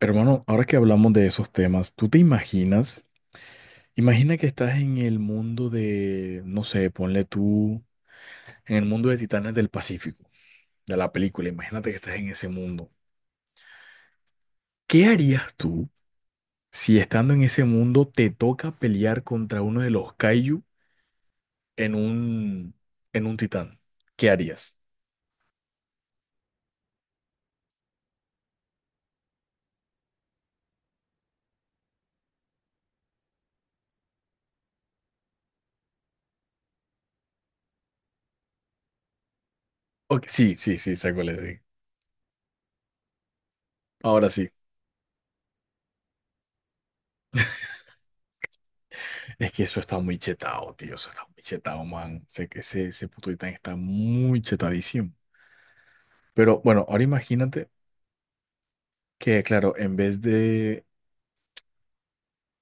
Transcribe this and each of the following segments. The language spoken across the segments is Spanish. Hermano, ahora que hablamos de esos temas, ¿tú te imaginas? Imagina que estás en el mundo de, no sé, ponle tú, en el mundo de Titanes del Pacífico, de la película. Imagínate que estás en ese mundo. ¿Qué harías tú si estando en ese mundo te toca pelear contra uno de los Kaiju en un, en un titán? ¿Qué harías? Ok, sí, sí, sí, sé cuál es, sí. Ahora sí. Es que eso está muy chetado, tío. Eso está muy chetado, man. Sé que ese puto titán está muy chetadísimo. Pero bueno, ahora imagínate que, claro, en vez de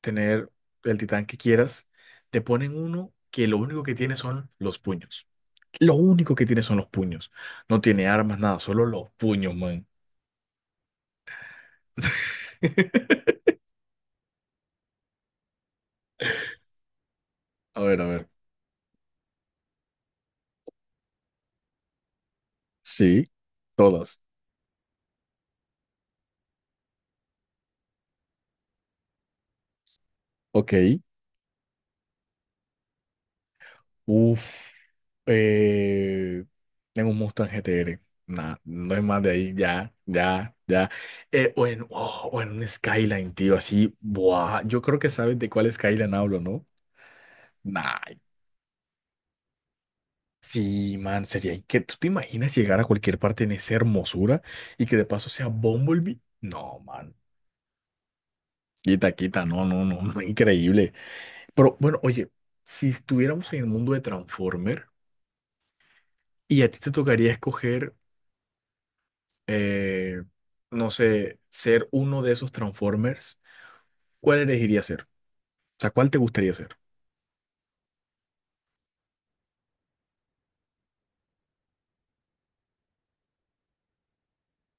tener el titán que quieras, te ponen uno que lo único que tiene son los puños. Lo único que tiene son los puños. No tiene armas, nada, solo los puños, man. A ver, a ver. Sí, todas. Ok. Uf. Eh, Tengo un monstruo en GTR. Nah, no es más de ahí. Ya, ya, ya. O o en un Skyline, tío, así. Buah. Yo creo que sabes de cuál Skyline hablo, ¿no? Nah. Sí, man, sería que ¿tú te imaginas llegar a cualquier parte en esa hermosura y que de paso sea Bumblebee? No, man. Quita, quita. No, no, no. No, increíble. Pero bueno, oye, si estuviéramos en el mundo de Transformer y a ti te tocaría escoger. eh, no sé, ser uno de esos Transformers, ¿cuál elegiría ser? O sea, ¿cuál te gustaría ser?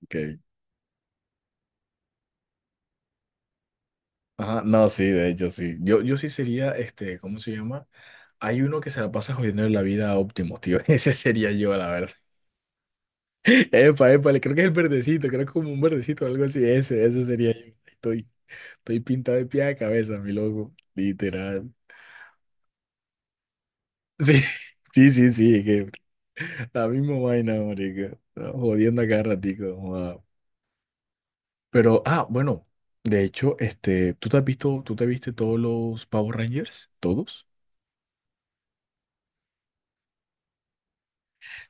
Ok. Ajá, no, sí, de hecho, sí. Yo sí sería, este, ¿cómo se llama? Hay uno que se la pasa jodiendo la vida a Optimus, tío. Ese sería yo, la verdad. Epa, epa, le- creo que es el verdecito, creo que es como un verdecito o algo así. Ese sería yo. Estoy pintado de pie a cabeza, mi loco. Literal. Sí, sí, sí, sí. Que la misma vaina, marica. Jodiendo a cada ratico. Pero, ah, bueno, de hecho, este, ¿tú te has visto, tú te viste todos los Power Rangers? ¿Todos?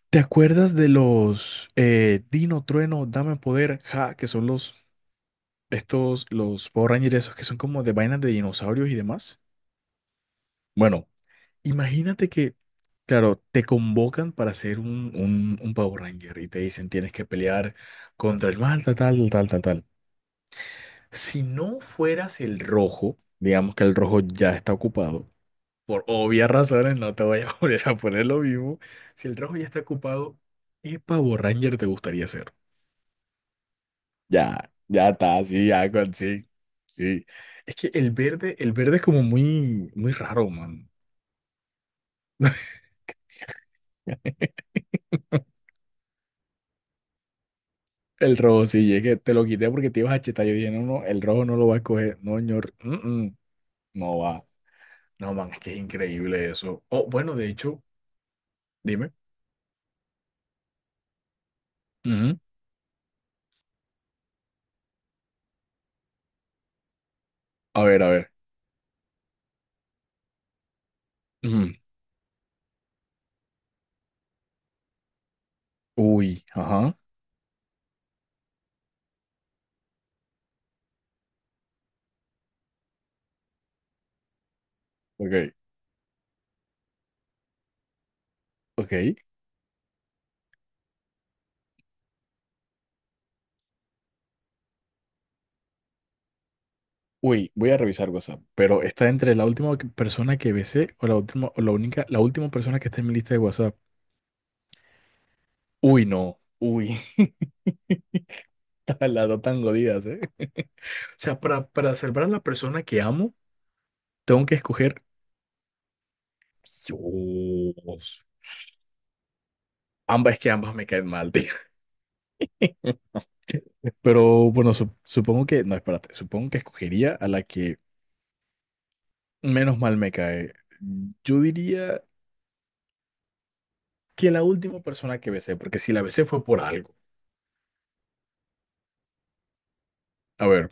¿Te acuerdas de los Dino, Trueno, Dame Poder, Ja, que son los, estos, los Power Rangers esos que son como de vainas de dinosaurios y demás? Bueno, imagínate que, claro, te convocan para ser un Power Ranger y te dicen tienes que pelear contra el mal, tal, tal, tal, tal, tal. Si no fueras el rojo, digamos que el rojo ya está ocupado. Por obvias razones, no te voy a volver a poner lo mismo. Si el trabajo ya está ocupado, ¿qué Power Ranger te gustaría ser? Ya, ya está, sí, ya con sí. Sí. Es que el verde es como muy, muy raro, man. El rojo, sí, es que te lo quité porque te ibas a chetar. Yo dije, no, no, el rojo no lo va a escoger, no, señor, mm, mm, no va. No, man, es que es increíble eso. Oh, bueno, de hecho, dime. Ujú. A ver, a ver. Ujú. Uy, ajá. Ok, ok. Uy, voy a revisar WhatsApp, pero está entre la última que- persona que besé o la última, o la única, la última persona que está en mi lista de WhatsApp. Uy, no. Uy, está las dos tan jodidas, ¿eh? O sea, para salvar a la persona que amo, tengo que escoger. Dios. Ambas, es que ambas me caen mal, tío. Pero bueno, sup- supongo que. No, espérate. Supongo que escogería a la que menos mal me cae. Yo diría que la última persona que besé, porque si la besé fue por algo. A ver.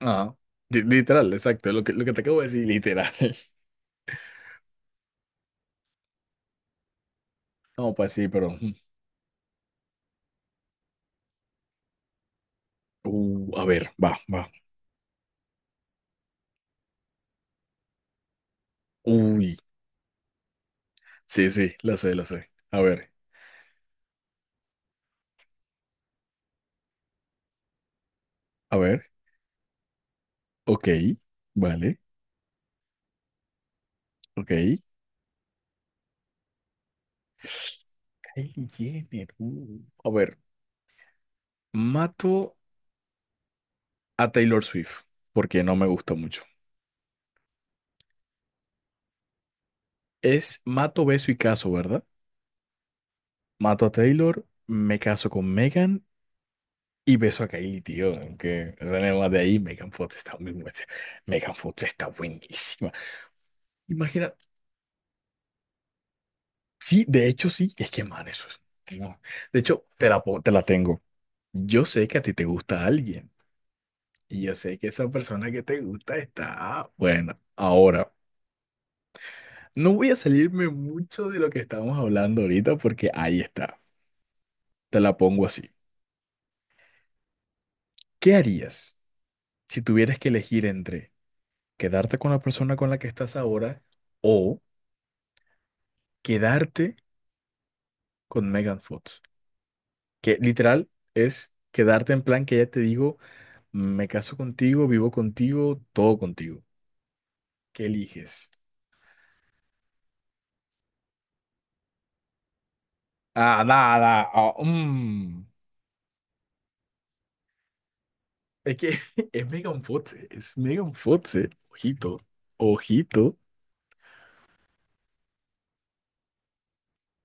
Ajá. Li- Literal, exacto, lo que te acabo de decir, literal. No, pues sí, pero. Mm. A ver, va, va. Uy, sí, sí, lo sé, lo sé. A ver, ok, vale, ok. Kylie Jenner. A ver, mato a Taylor Swift, porque no me gusta mucho. Es mato, beso y caso, ¿verdad? Mato a Taylor, me caso con Megan y beso a Kylie, tío. Aunque, o sea, nada más de ahí, Megan Fox está muy buena. Megan Fox está buenísima. Imagina, sí, de hecho sí, es que man, eso es. No. De hecho, te la, po- te la tengo. Yo sé que a ti te gusta alguien y yo sé que esa persona que te gusta está buena. Ahora, no voy a salirme mucho de lo que estábamos hablando ahorita porque ahí está. Te la pongo así. ¿Qué harías si tuvieras que elegir entre quedarte con la persona con la que estás ahora o quedarte con Megan Fox? Que literal es quedarte en plan que ya te digo. Me caso contigo, vivo contigo, todo contigo. ¿Qué eliges? Ah, nada. Mm. Es que es Megan Fox, es Megan Fox. Ojito, ojito.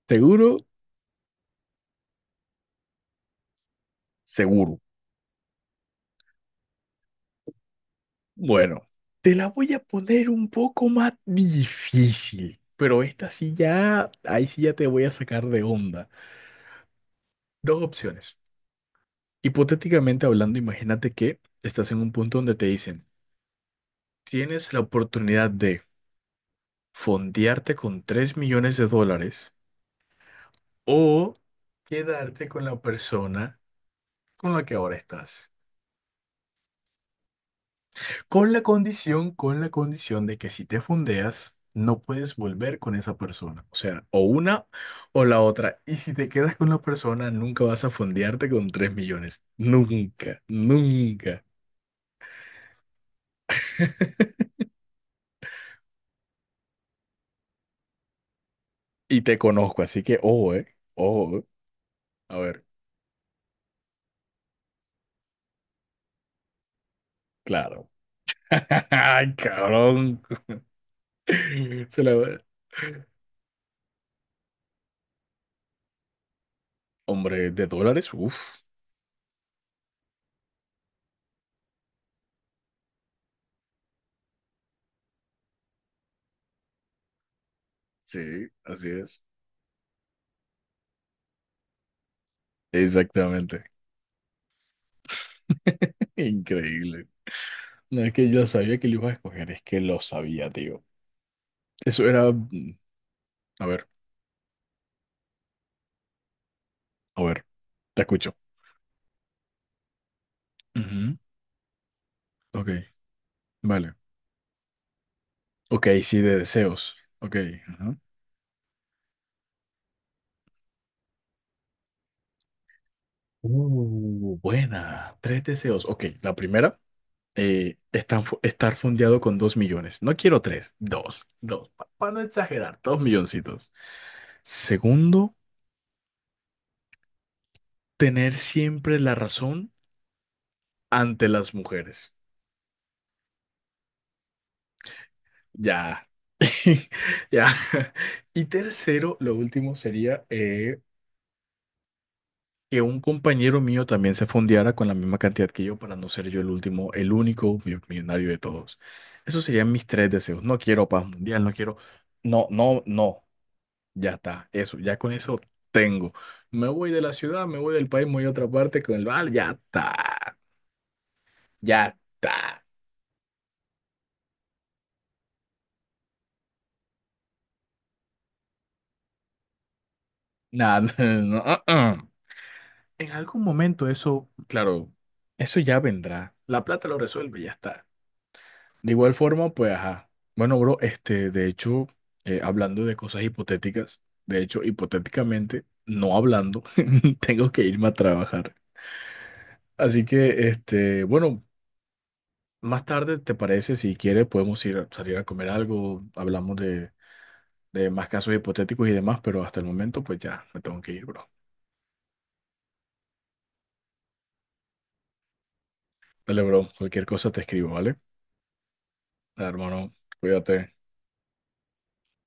¿Seguro? Seguro. Bueno, te la voy a poner un poco más difícil, pero esta sí ya, ahí sí ya te voy a sacar de onda. Dos opciones. Hipotéticamente hablando, imagínate que estás en un punto donde te dicen, tienes la oportunidad de fondearte con 3 millones de dólares o quedarte con la persona con la que ahora estás. Con la condición de que si te fondeas, no puedes volver con esa persona. O sea, o una o la otra. Y si te quedas con la persona, nunca vas a fondearte con 3 millones. Nunca, nunca. Y te conozco, así que ojo, eh. Ojo. A ver, claro. Ay, cabrón. Se la... Hombre, de dólares, uff. Sí, así es. Exactamente. Increíble. No es que yo sabía que lo ibas a escoger, es que lo sabía, tío. Eso era... A ver, a ver, te escucho. Ujú, ok, vale. Ok, sí, de deseos. Ok, ajá. Buena. Tres deseos. Ok, la primera, estar, fu- estar fondeado con 2 millones. No quiero tres, dos, dos. Para no exagerar, 2 milloncitos. Segundo, tener siempre la razón ante las mujeres. Ya, ya. Y tercero, lo último sería que un compañero mío también se fondeara con la misma cantidad que yo para no ser yo el último, el único mi- millonario de todos. Esos serían mis tres deseos. No quiero paz mundial, no quiero... No, no, no. Ya está, eso, ya con eso tengo. Me voy de la ciudad, me voy del país, me voy a otra parte con el bar, ya está, ya está. Nada, no, uh-uh. En algún momento eso, claro, eso ya vendrá. La plata lo resuelve y ya está. De igual forma, pues, ajá. Bueno, bro, este, de hecho, hablando de cosas hipotéticas, de hecho, hipotéticamente, no hablando, tengo que irme a trabajar. Así que, este, bueno, más tarde, ¿te parece? Si quieres, podemos ir a salir a comer algo, hablamos de más casos hipotéticos y demás, pero hasta el momento, pues ya, me tengo que ir, bro. Dale, bro, cualquier cosa te escribo, ¿vale? Dale, hermano, cuídate.